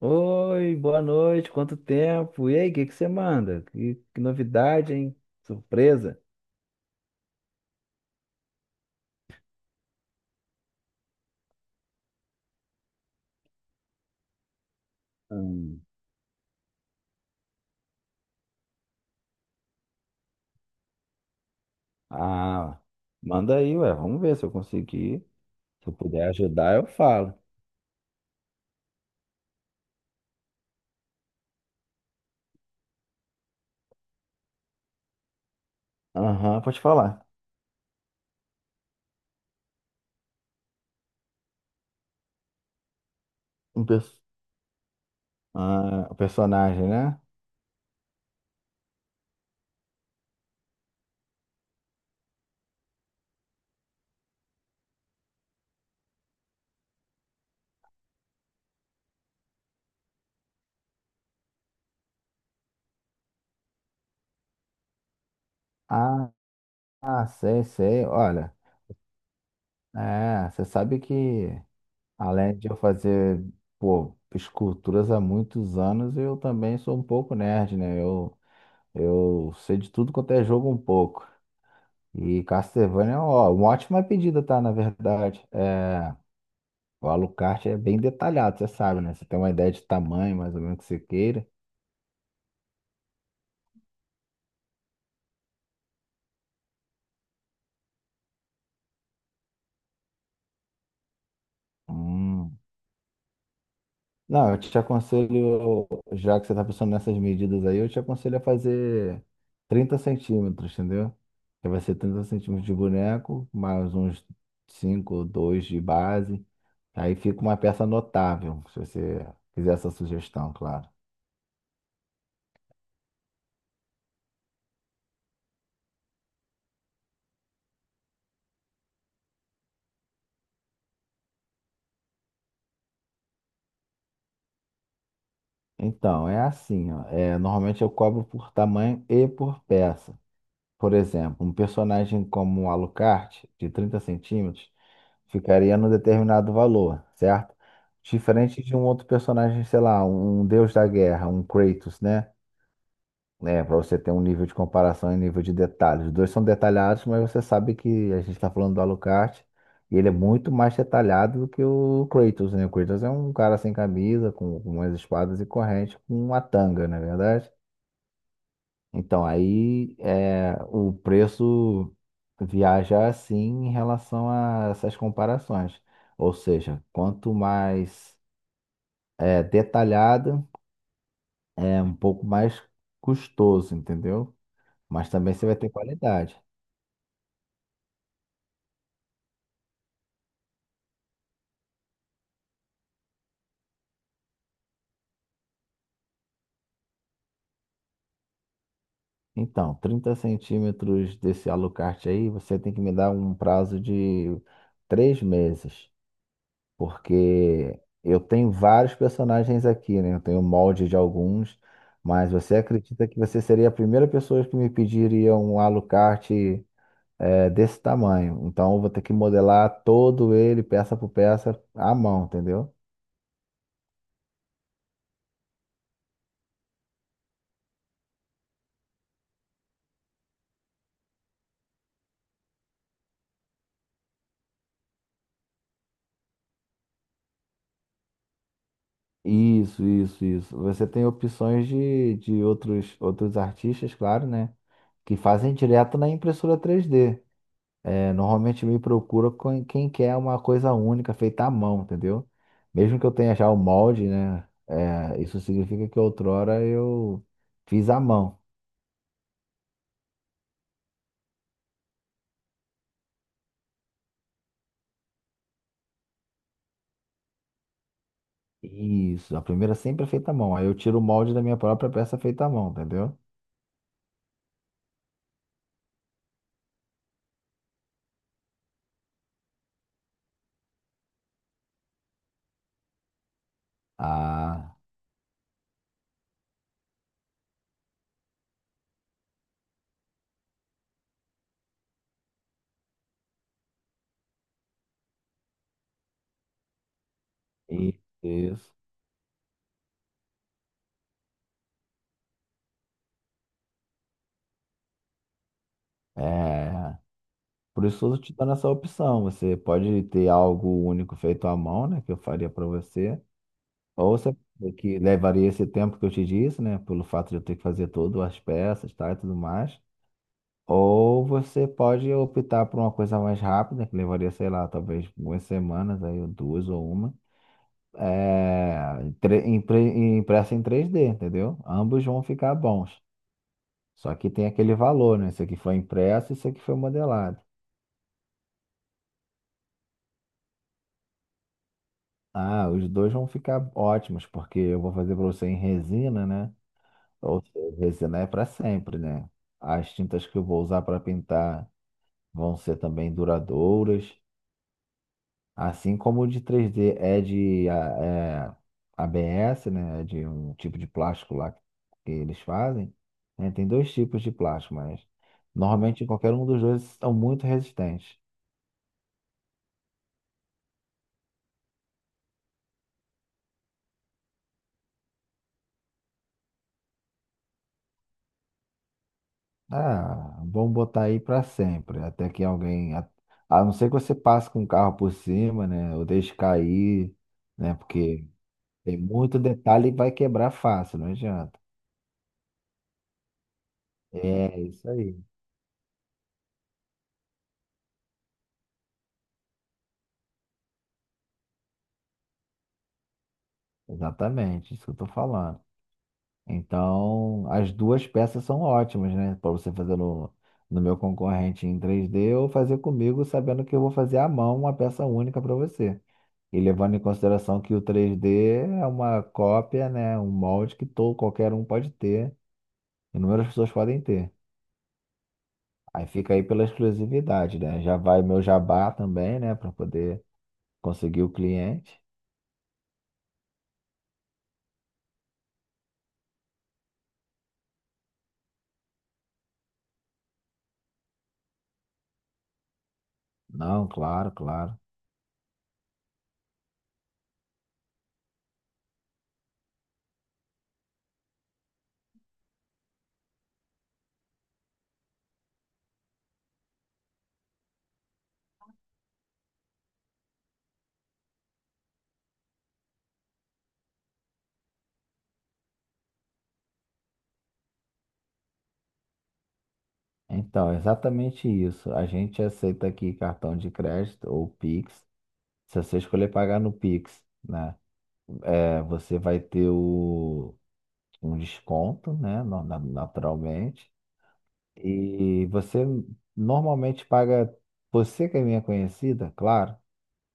Oi, boa noite, quanto tempo? E aí, o que que você manda? Que novidade, hein? Surpresa? Hum. Ah, manda aí, ué, vamos ver se eu conseguir. Se eu puder ajudar, eu falo. Aham, pode falar. Um perso- o personagem, né? Ah, ah, sei, sei. Olha, você sabe que além de eu fazer, pô, esculturas há muitos anos, eu também sou um pouco nerd, né? Eu sei de tudo quanto é jogo um pouco. E Castlevania, é ó, uma ótima pedida, tá? Na verdade, o Alucard é bem detalhado, você sabe, né? Você tem uma ideia de tamanho, mais ou menos, que você queira. Hum. Não, eu te aconselho, já que você tá pensando nessas medidas aí, eu te aconselho a fazer 30 centímetros, entendeu? Que vai ser 30 centímetros de boneco, mais uns 5 ou 2 de base. Aí fica uma peça notável, se você fizer essa sugestão, claro. Então, é assim, ó. Normalmente eu cobro por tamanho e por peça. Por exemplo, um personagem como o Alucard, de 30 centímetros, ficaria num determinado valor, certo? Diferente de um outro personagem, sei lá, um deus da guerra, um Kratos, né? Né, Para você ter um nível de comparação e nível de detalhes. Os dois são detalhados, mas você sabe que a gente está falando do Alucard e ele é muito mais detalhado do que o Kratos, né? O Kratos é um cara sem camisa, com umas espadas e corrente, com uma tanga, não é verdade? Então aí o preço viaja assim em relação a essas comparações. Ou seja, quanto mais detalhado, é um pouco mais custoso, entendeu? Mas também você vai ter qualidade. Então, 30 centímetros desse Alucard aí, você tem que me dar um prazo de 3 meses, porque eu tenho vários personagens aqui, né? Eu tenho molde de alguns, mas você acredita que você seria a primeira pessoa que me pediria um Alucard, desse tamanho? Então, eu vou ter que modelar todo ele, peça por peça, à mão, entendeu? Isso, isso, isso. Você tem opções de outros artistas, claro, né? Que fazem direto na impressora 3D. Normalmente me procura com quem quer uma coisa única feita à mão, entendeu? Mesmo que eu tenha já o molde, né? Isso significa que outrora eu fiz à mão. Isso, a primeira sempre é feita à mão. Aí eu tiro o molde da minha própria peça feita à mão, entendeu? Ah, isso. É. Por isso eu te dando essa opção. Você pode ter algo único feito à mão, né? Que eu faria para você. Ou você que levaria esse tempo que eu te disse, né? Pelo fato de eu ter que fazer todas as peças, tá? E tudo mais. Ou você pode optar por uma coisa mais rápida, que levaria, sei lá, talvez algumas semanas, aí, ou duas ou uma. Impressa em 3D, entendeu? Ambos vão ficar bons. Só que tem aquele valor, né? Isso aqui foi impresso, isso aqui foi modelado. Ah, os dois vão ficar ótimos, porque eu vou fazer para você em resina, né? Ou seja, resina é para sempre, né? As tintas que eu vou usar para pintar vão ser também duradouras, assim como o de 3D é de é, ABS, né? É de um tipo de plástico lá que eles fazem, né? Tem dois tipos de plástico, mas normalmente qualquer um dos dois são muito resistentes. Ah, vamos botar aí para sempre, até que alguém, a não ser que você passe com o carro por cima, né, ou deixe cair, né, porque tem muito detalhe e vai quebrar fácil, não adianta. É isso aí, exatamente, isso que eu tô falando. Então, as duas peças são ótimas, né, para você fazer no meu concorrente em 3D ou fazer comigo, sabendo que eu vou fazer à mão uma peça única para você. E levando em consideração que o 3D é uma cópia, né? Um molde que todo, qualquer um pode ter. Inúmeras pessoas podem ter. Aí fica aí pela exclusividade, né? Já vai meu jabá também, né? Para poder conseguir o cliente. Não, claro, claro. Então, é exatamente isso. A gente aceita aqui cartão de crédito ou Pix. Se você escolher pagar no Pix, né? Você vai ter um desconto, né? Naturalmente. E você normalmente paga, você que é minha conhecida, claro,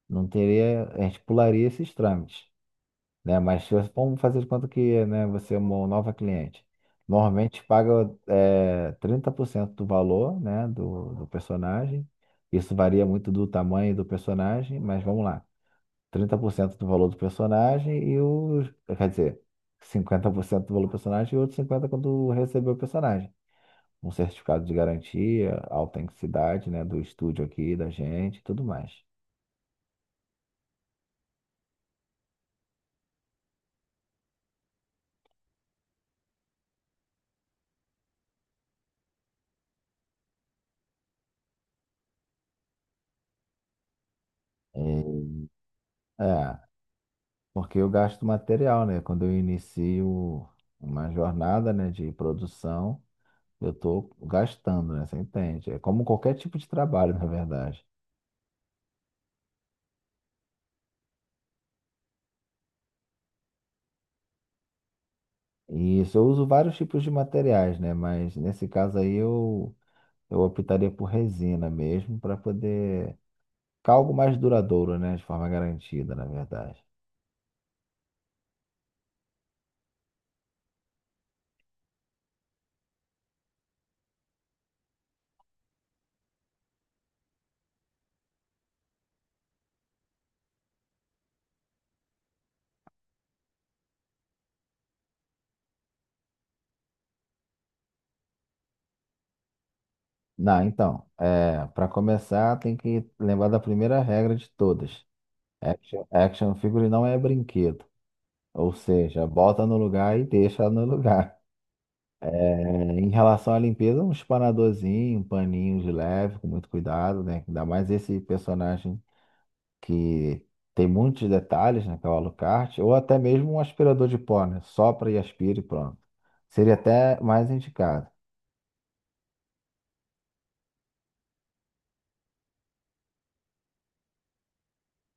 não teria, a gente pularia esses trâmites, né? Mas se você- vamos fazer de conta que, né, você é uma nova cliente. Normalmente paga 30% do valor, né, do personagem. Isso varia muito do tamanho do personagem, mas vamos lá. 30% do valor do personagem e os quer dizer, 50% do valor do personagem e outros 50% quando receber o personagem um certificado de garantia, autenticidade, né, do estúdio aqui, da gente, e tudo mais. Hum, É, porque eu gasto material, né? Quando eu inicio uma jornada, né, de produção, eu tô gastando, né? Você entende? É como qualquer tipo de trabalho, na verdade. E isso, eu uso vários tipos de materiais, né? Mas nesse caso aí eu optaria por resina mesmo para poder ficar algo mais duradouro, né? De forma garantida, na verdade. Não, então, para começar, tem que lembrar da primeira regra de todas. Action figure não é brinquedo. Ou seja, bota no lugar e deixa no lugar. É, Em relação à limpeza, um espanadorzinho, um paninho de leve, com muito cuidado, né? Ainda mais esse personagem que tem muitos detalhes, né? Que é o Alucard, ou até mesmo um aspirador de pó, né? Sopra e aspira e pronto. Seria até mais indicado.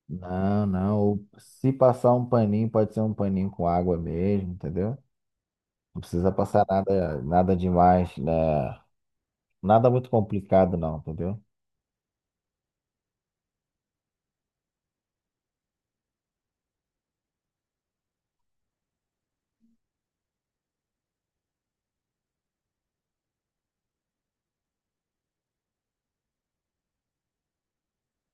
Não, não. Ou se passar um paninho, pode ser um paninho com água mesmo, entendeu? Não precisa passar nada, nada demais, né? Nada muito complicado, não, entendeu?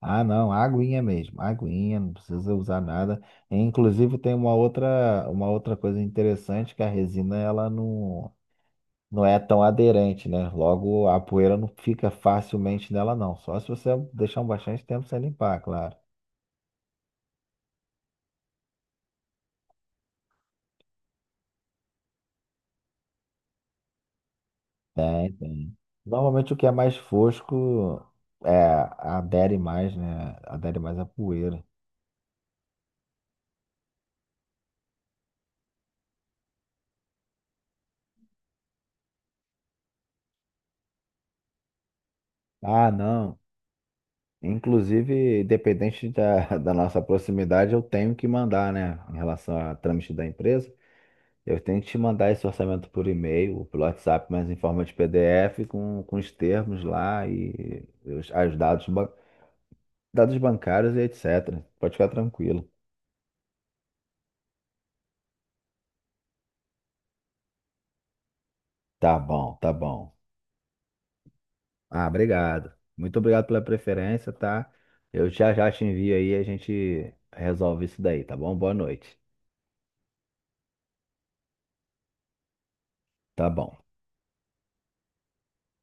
Ah, não, aguinha mesmo, aguinha, não precisa usar nada. E, inclusive tem uma outra coisa interessante que a resina ela não é tão aderente, né? Logo a poeira não fica facilmente nela, não. Só se você deixar um bastante tempo sem limpar, claro. Tem, tem. Normalmente o que é mais fosco é, adere mais, né? Adere mais à poeira. Ah, não. Inclusive, independente da, da nossa proximidade, eu tenho que mandar, né? Em relação a trâmite da empresa, eu tenho que te mandar esse orçamento por e-mail, ou pelo WhatsApp, mas em forma de PDF, com os termos lá e os dados, dados bancários e etc. Pode ficar tranquilo. Tá bom, tá bom. Ah, obrigado. Muito obrigado pela preferência, tá? Eu já já te envio aí e a gente resolve isso daí, tá bom? Boa noite. Tá bom.